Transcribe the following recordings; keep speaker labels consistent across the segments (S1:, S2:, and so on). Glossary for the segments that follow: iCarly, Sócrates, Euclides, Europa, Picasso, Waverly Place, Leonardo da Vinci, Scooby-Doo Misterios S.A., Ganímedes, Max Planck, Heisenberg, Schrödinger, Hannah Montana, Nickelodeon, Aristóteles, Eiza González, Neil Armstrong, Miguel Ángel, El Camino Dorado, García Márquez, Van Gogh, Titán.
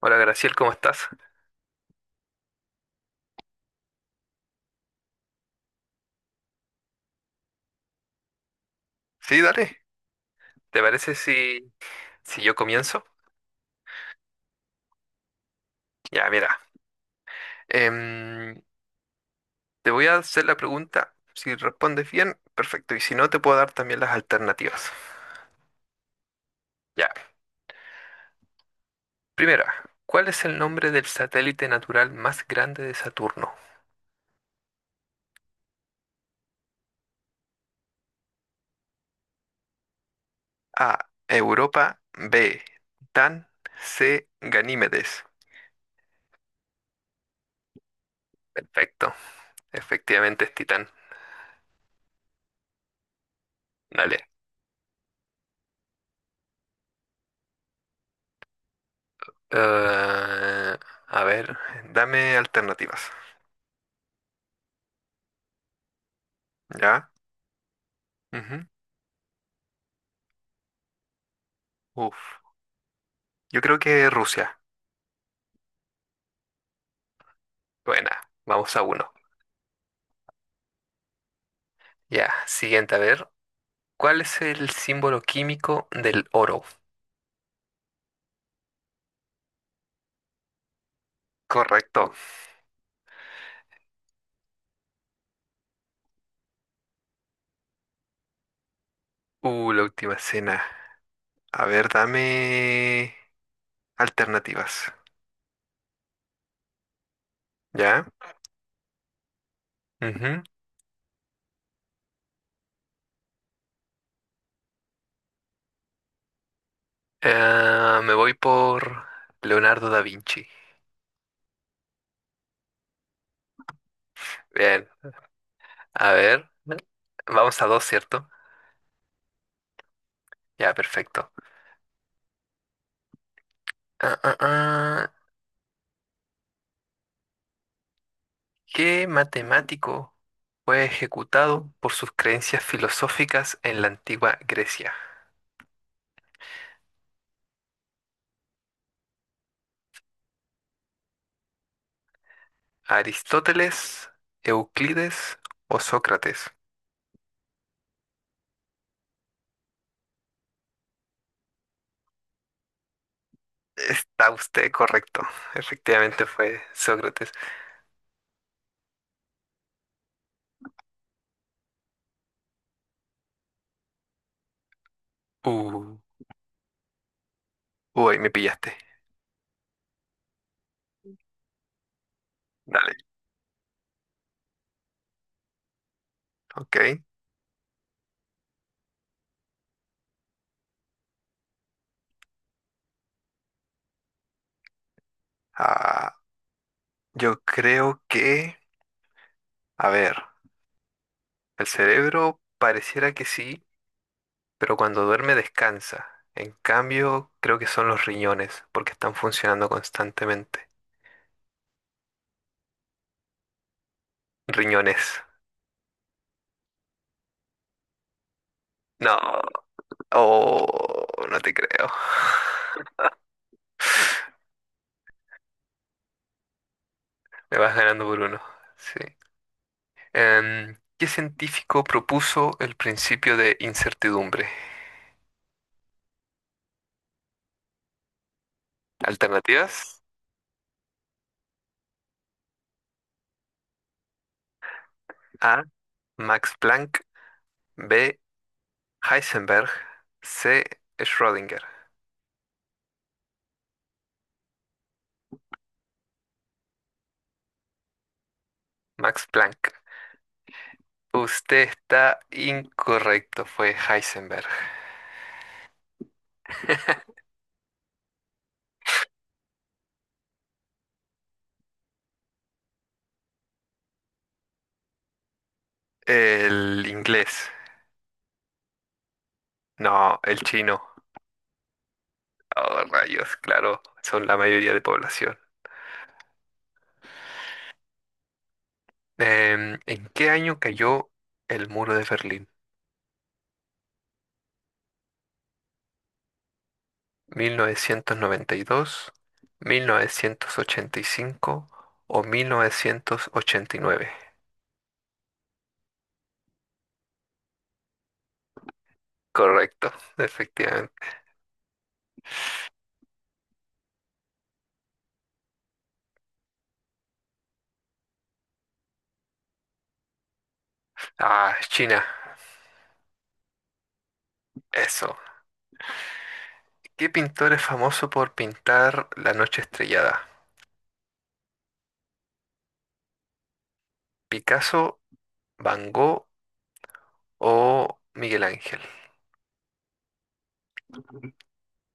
S1: Hola Graciel, ¿cómo estás? Sí, dale. ¿Te parece si yo comienzo? Ya, mira. em, Te voy a hacer la pregunta. Si respondes bien, perfecto. Y si no, te puedo dar también las alternativas. Ya. Primera, ¿cuál es el nombre del satélite natural más grande de Saturno? A. Europa. B. Titán. C. Ganímedes. Perfecto. Efectivamente es Titán. Dale. Eh, a ver, dame alternativas. ¿Ya? Ujú. Uf. Yo creo que Rusia. Buena, vamos a uno. Ya, siguiente, a ver. ¿Cuál es el símbolo químico del oro? Correcto. La última cena. A ver, dame alternativas. ¿Ya? Ujú. Ah, me voy por Leonardo da Vinci. Bien, a ver. Vamos a dos, ¿cierto? Ya, perfecto. Ah, ah, ah. ¿Qué matemático fue ejecutado por sus creencias filosóficas en la antigua Grecia? ¿Aristóteles, Euclides o Sócrates? Está usted correcto. Efectivamente fue Sócrates. Uh, Uy, me pillaste. Dale, ok. Ah, yo creo que, a ver, el cerebro pareciera que sí, pero cuando duerme descansa. En cambio, creo que son los riñones, porque están funcionando constantemente. Riñones. No, oh, no te creo. Me vas ganando por uno. Sí. ¿Qué científico propuso el principio de incertidumbre? Alternativas: A. Max Planck, B. Heisenberg, C. Schrödinger. Max Planck. Usted está incorrecto, fue Heisenberg. El inglés. No, el chino. Oh, rayos, claro, son la mayoría de población. ¿En qué año cayó el muro de Berlín? 1992, 1985 o 1989. Correcto, efectivamente. Ah, China, eso. ¿Qué pintor es famoso por pintar La noche estrellada? ¿Picasso, Van Gogh o Miguel Ángel?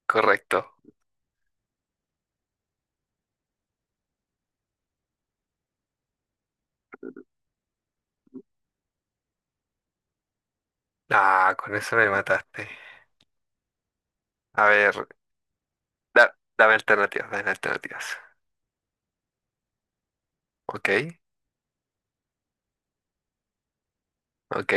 S1: Correcto. Ah, con eso me mataste. A ver, dame alternativas, dame alternativas. Ok, ok.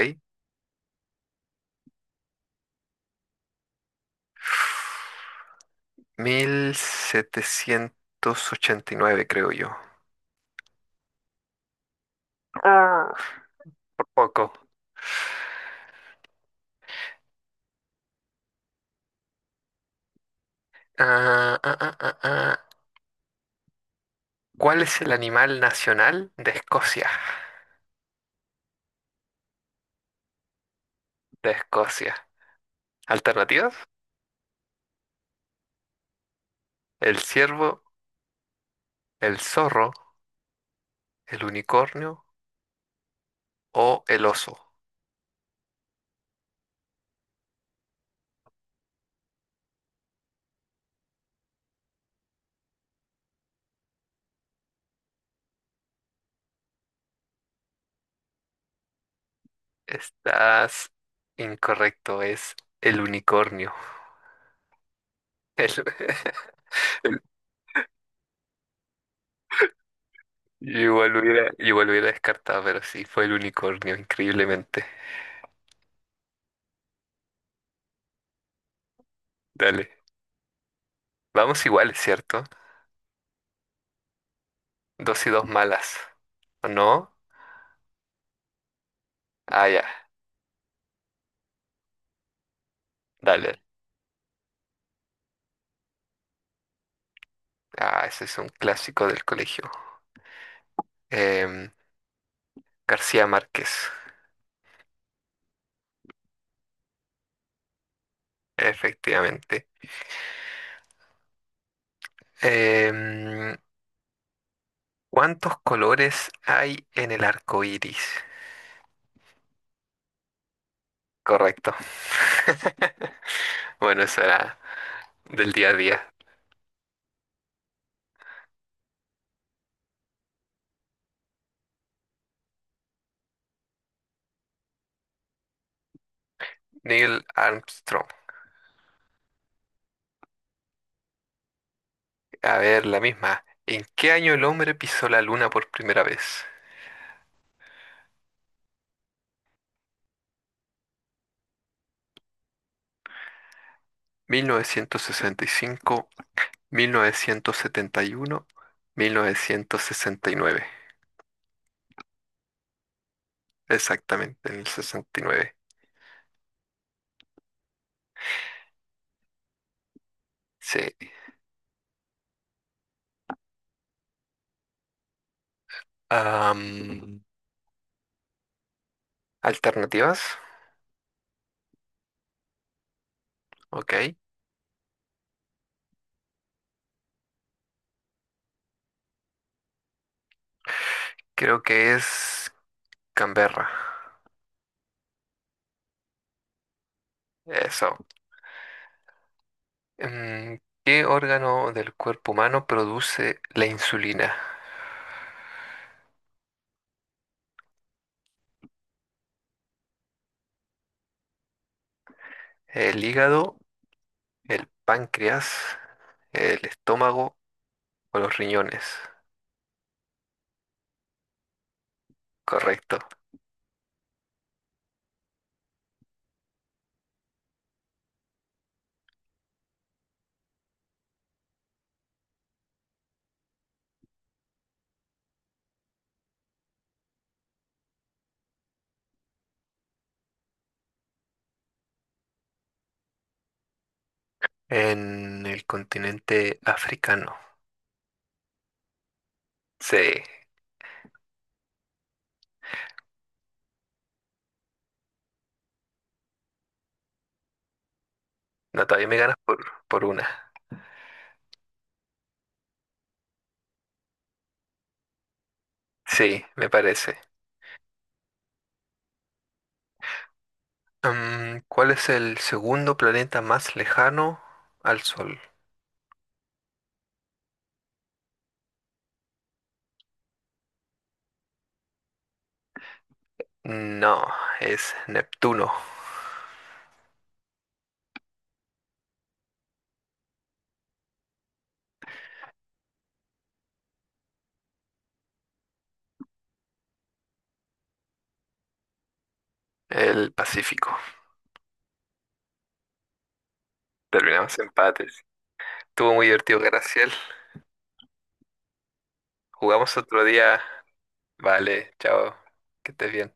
S1: 1789, creo yo. Ah, poco. Ah, ah, ah, ah, ah. ¿Cuál es el animal nacional de Escocia? De Escocia. ¿Alternativas? ¿El ciervo, el zorro, el unicornio o el oso? Estás incorrecto, es el unicornio. El- el- yo igual lo hubiera descartado, pero sí, fue el unicornio, increíblemente. Dale. Vamos iguales, ¿cierto? Dos y dos malas. ¿O no? Ah, ya. Dale. Ah, ese es un clásico del colegio. Em, García Márquez, efectivamente. Em, ¿Cuántos colores hay en el arco iris? Correcto. Bueno, eso era del día a día. Neil Armstrong. A ver, la misma. ¿En qué año el hombre pisó la luna por primera vez? 1965. Mil novecientos setenta y uno. 1969. Exactamente, en el 69. Sí. Am, Alternativas. Ok. Creo que es Canberra. Eso. ¿Qué órgano del cuerpo humano produce la insulina? ¿El hígado, el páncreas, el estómago o los riñones? Correcto. En el continente africano. Sí. No, todavía me ganas por, una. Sí, me parece. ¿Cuál es el segundo planeta más lejano al Sol? No, es Neptuno, el Pacífico. Terminamos empates. Estuvo muy divertido, Graciel. Jugamos otro día. Vale, chao. Que estés bien.